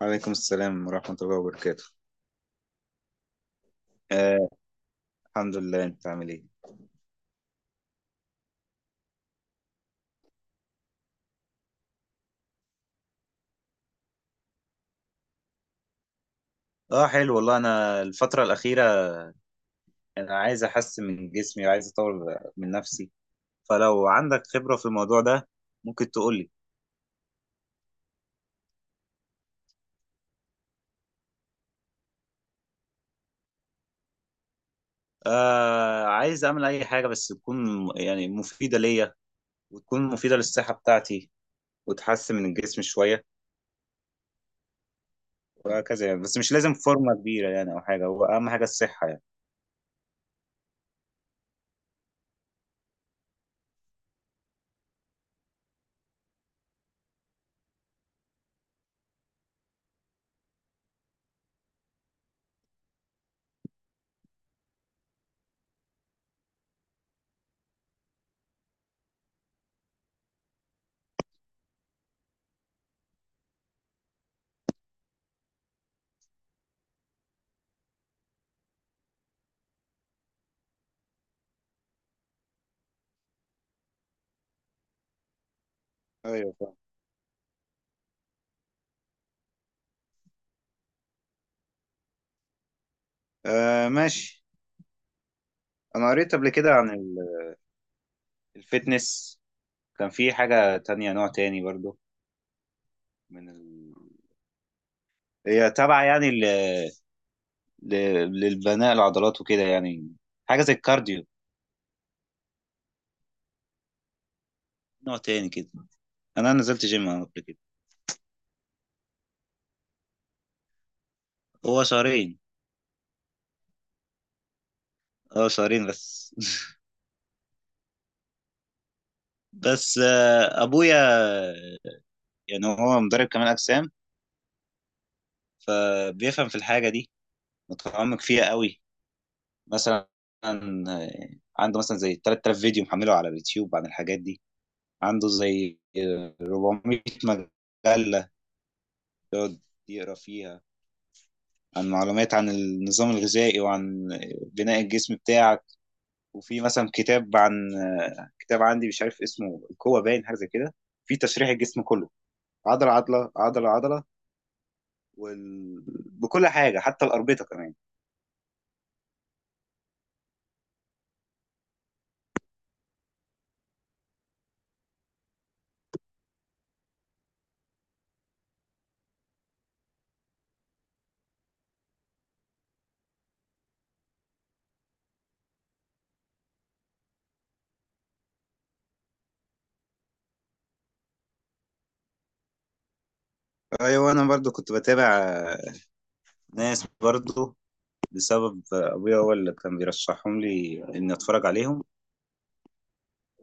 وعليكم السلام ورحمة الله وبركاته. آه الحمد لله، انت عامل ايه؟ اه حلو والله، انا الفترة الأخيرة انا عايز احسن من جسمي وعايز اطور من نفسي، فلو عندك خبرة في الموضوع ده ممكن تقول لي. آه عايز اعمل اي حاجة بس تكون مفيدة ليا وتكون مفيدة للصحة بتاعتي وتحسن من الجسم شوية وهكذا يعني، بس مش لازم فورمة كبيرة يعني او حاجة، هو اهم حاجة الصحة يعني. ايوه فاهم. آه ماشي، انا قريت قبل كده عن ال- الفيتنس، كان في حاجة تانية نوع تاني برضو من ال... هي تابعة يعني ل... ل... للبناء العضلات وكده يعني، حاجة زي الكارديو، نوع تاني كده. أنا نزلت جيم قبل كده. هو شهرين. اه شهرين بس. بس أبويا يعني هو مدرب كمال أجسام، فبيفهم في الحاجة دي، متعمق فيها قوي. مثلا آه، عنده مثلا زي 3000 فيديو محمله على اليوتيوب عن الحاجات دي. عنده زي 400 مجلة يقعد يقرا فيها، عن معلومات عن النظام الغذائي وعن بناء الجسم بتاعك. وفي مثلا كتاب عن كتاب عندي مش عارف اسمه، القوة باين حاجة زي كده، في تشريح الجسم كله، عضلة عضلة وال... بكل حاجة حتى الأربطة كمان. أيوة أنا برضو كنت بتابع ناس برضو، بسبب أبويا هو اللي كان بيرشحهم لي إني أتفرج عليهم.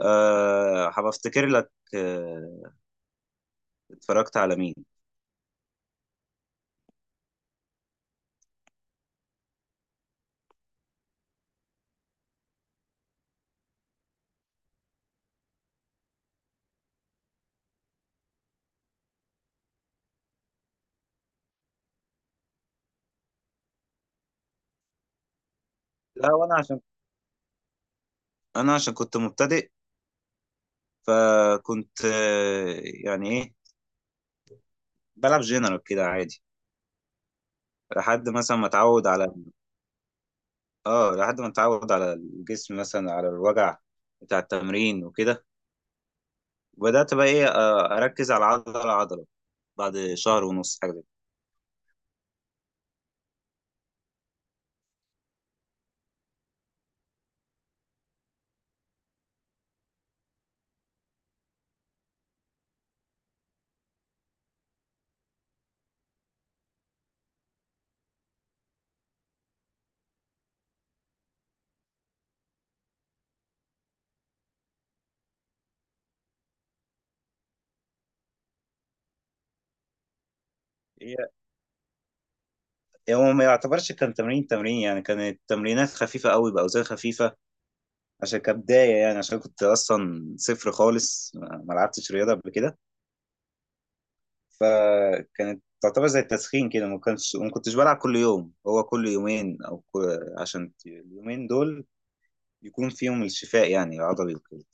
أه هبفتكر لك اتفرجت على مين. لا، وأنا عشان أنا عشان كنت مبتدئ، فكنت يعني ايه بلعب جنرال كده عادي، لحد مثلا ما اتعود على، اه لحد ما اتعود على الجسم مثلا على الوجع بتاع التمرين وكده، وبدأت بقى ايه آه، اركز على عضلة عضلة بعد شهر ونص حاجة زي كده. هي هو ما يعتبرش كان تمرين يعني، كانت تمرينات خفيفة قوي بأوزان خفيفة عشان كبداية يعني، عشان كنت أصلا صفر خالص ما لعبتش رياضة قبل كده، فكانت تعتبر زي التسخين كده، ما كنتش بلعب كل يوم، هو كل يومين او كل... عشان اليومين دول يكون فيهم الشفاء يعني العضلي وكده.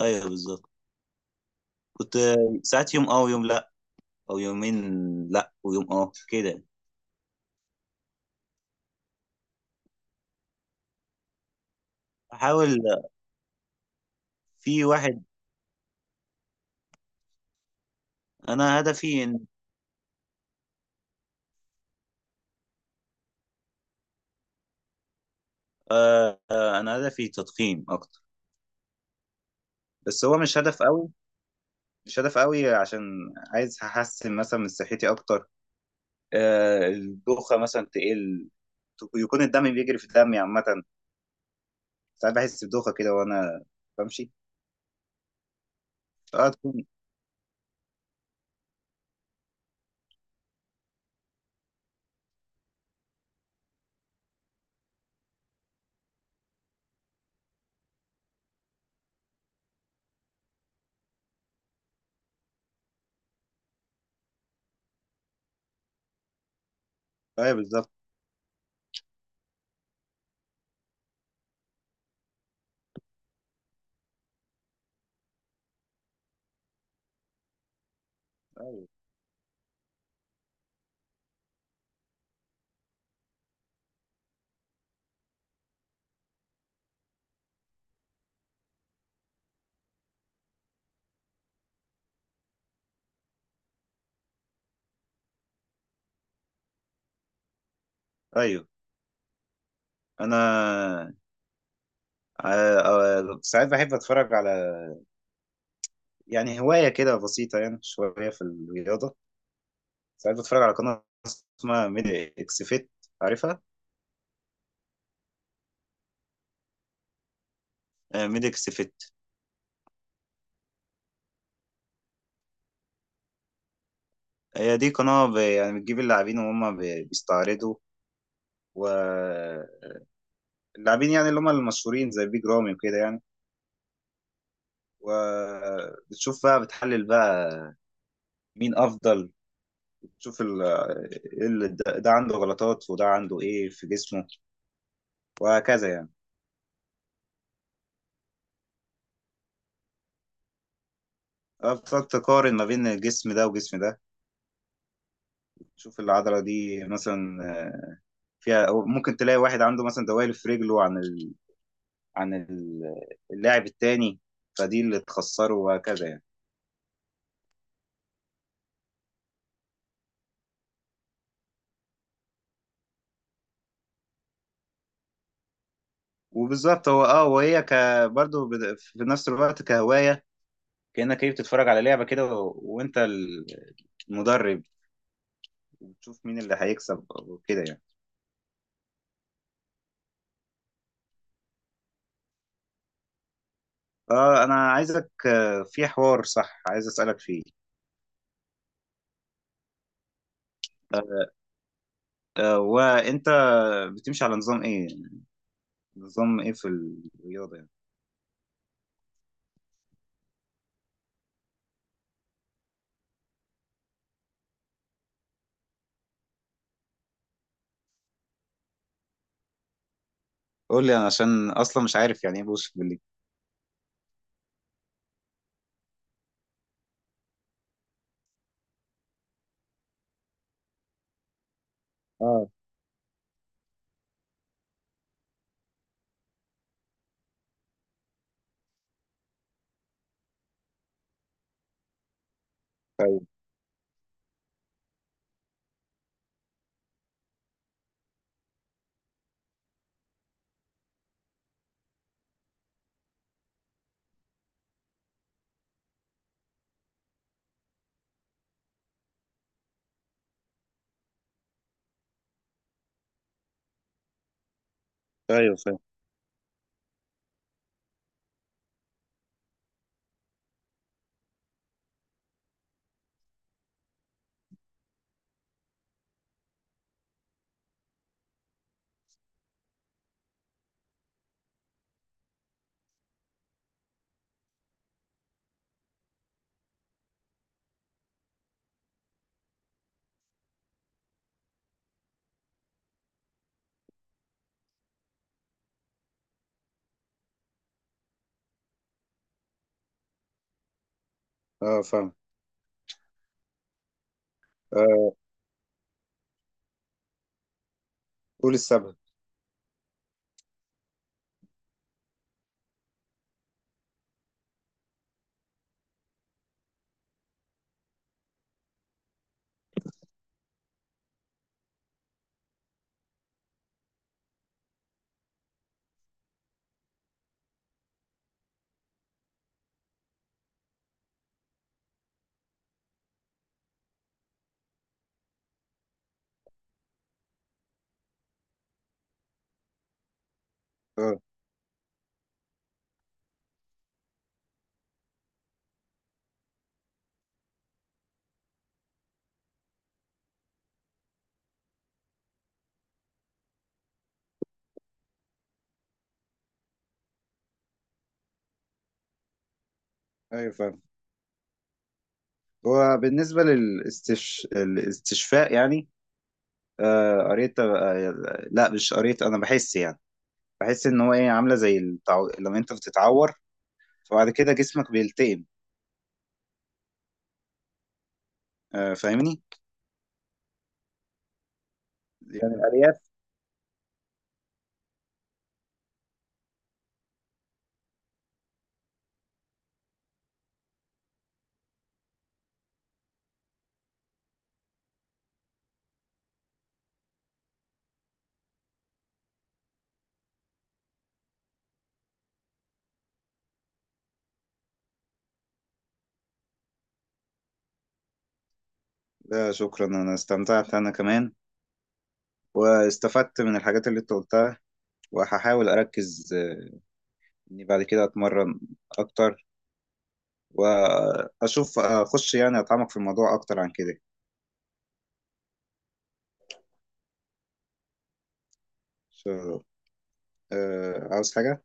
ايوه بالظبط. كنت ساعات يوم اه ويوم لا، او يومين لا ويوم اه كده. احاول. في واحد، انا هدفي ان انا هدفي تضخيم اكتر، بس هو مش هدف قوي، مش هدف قوي، عشان عايز احسن مثلا من صحتي اكتر. آه الدوخه مثلا تقل، يكون الدم بيجري في دمي عامه، ساعات بحس بدوخة كده وأنا بمشي. اه تكون. ايوه بالظبط. ايوه ايوه. انا ساعات بحب اتفرج على، يعني هواية كده بسيطة يعني شوية في الرياضة، ساعات بتفرج على قناة اسمها ميدي اكس فيت، عارفها؟ ميدي اكس فيت. هي دي قناة بتجيب اللاعبين وهم بيستعرضوا، واللاعبين يعني اللي هم المشهورين زي بيج رامي وكده يعني، وبتشوف بقى بتحلل بقى مين افضل، شوف ال... إيه اللي ده، ده عنده غلطات وده عنده ايه في جسمه، وهكذا يعني. أه، بتقعد تقارن ما بين الجسم ده وجسم ده، تشوف العضلة دي مثلا آه، فيها، أو ممكن تلاقي واحد عنده مثلا دوالي في رجله عن ال... عن ال- اللاعب التاني، فدي اللي تخسره وهكذا يعني. وبالظبط هو اه. وهي ك برضه في نفس الوقت كهواية، كأنك ايه بتتفرج على لعبة كده و... المدرب، وتشوف مين اللي هيكسب وكده يعني. اه انا عايزك في حوار صح عايز اسالك فيه. آه، وانت بتمشي على نظام ايه، نظام ايه في الرياضه يعني. قول لي انا عشان اصلا مش عارف يعني ايه بوش بالليج. اه. طيب. ايوه فاهم. اه فاهم. آه قول السبب. اه ايوه فاهم. هو بالنسبه للاستش... الاستشفاء يعني، آه قريت آه، لا مش قريت، انا بحس يعني، بحس ان هو ايه، عامله زي التعو... لما انت بتتعور فبعد كده جسمك بيلتئم، آه فاهمني، يعني الالياف. لا شكرا، انا استمتعت انا كمان، واستفدت من الحاجات اللي انت قلتها، وهحاول اركز اني بعد كده اتمرن اكتر، واشوف اخش يعني اتعمق في الموضوع اكتر عن كده. شو عاوز حاجة؟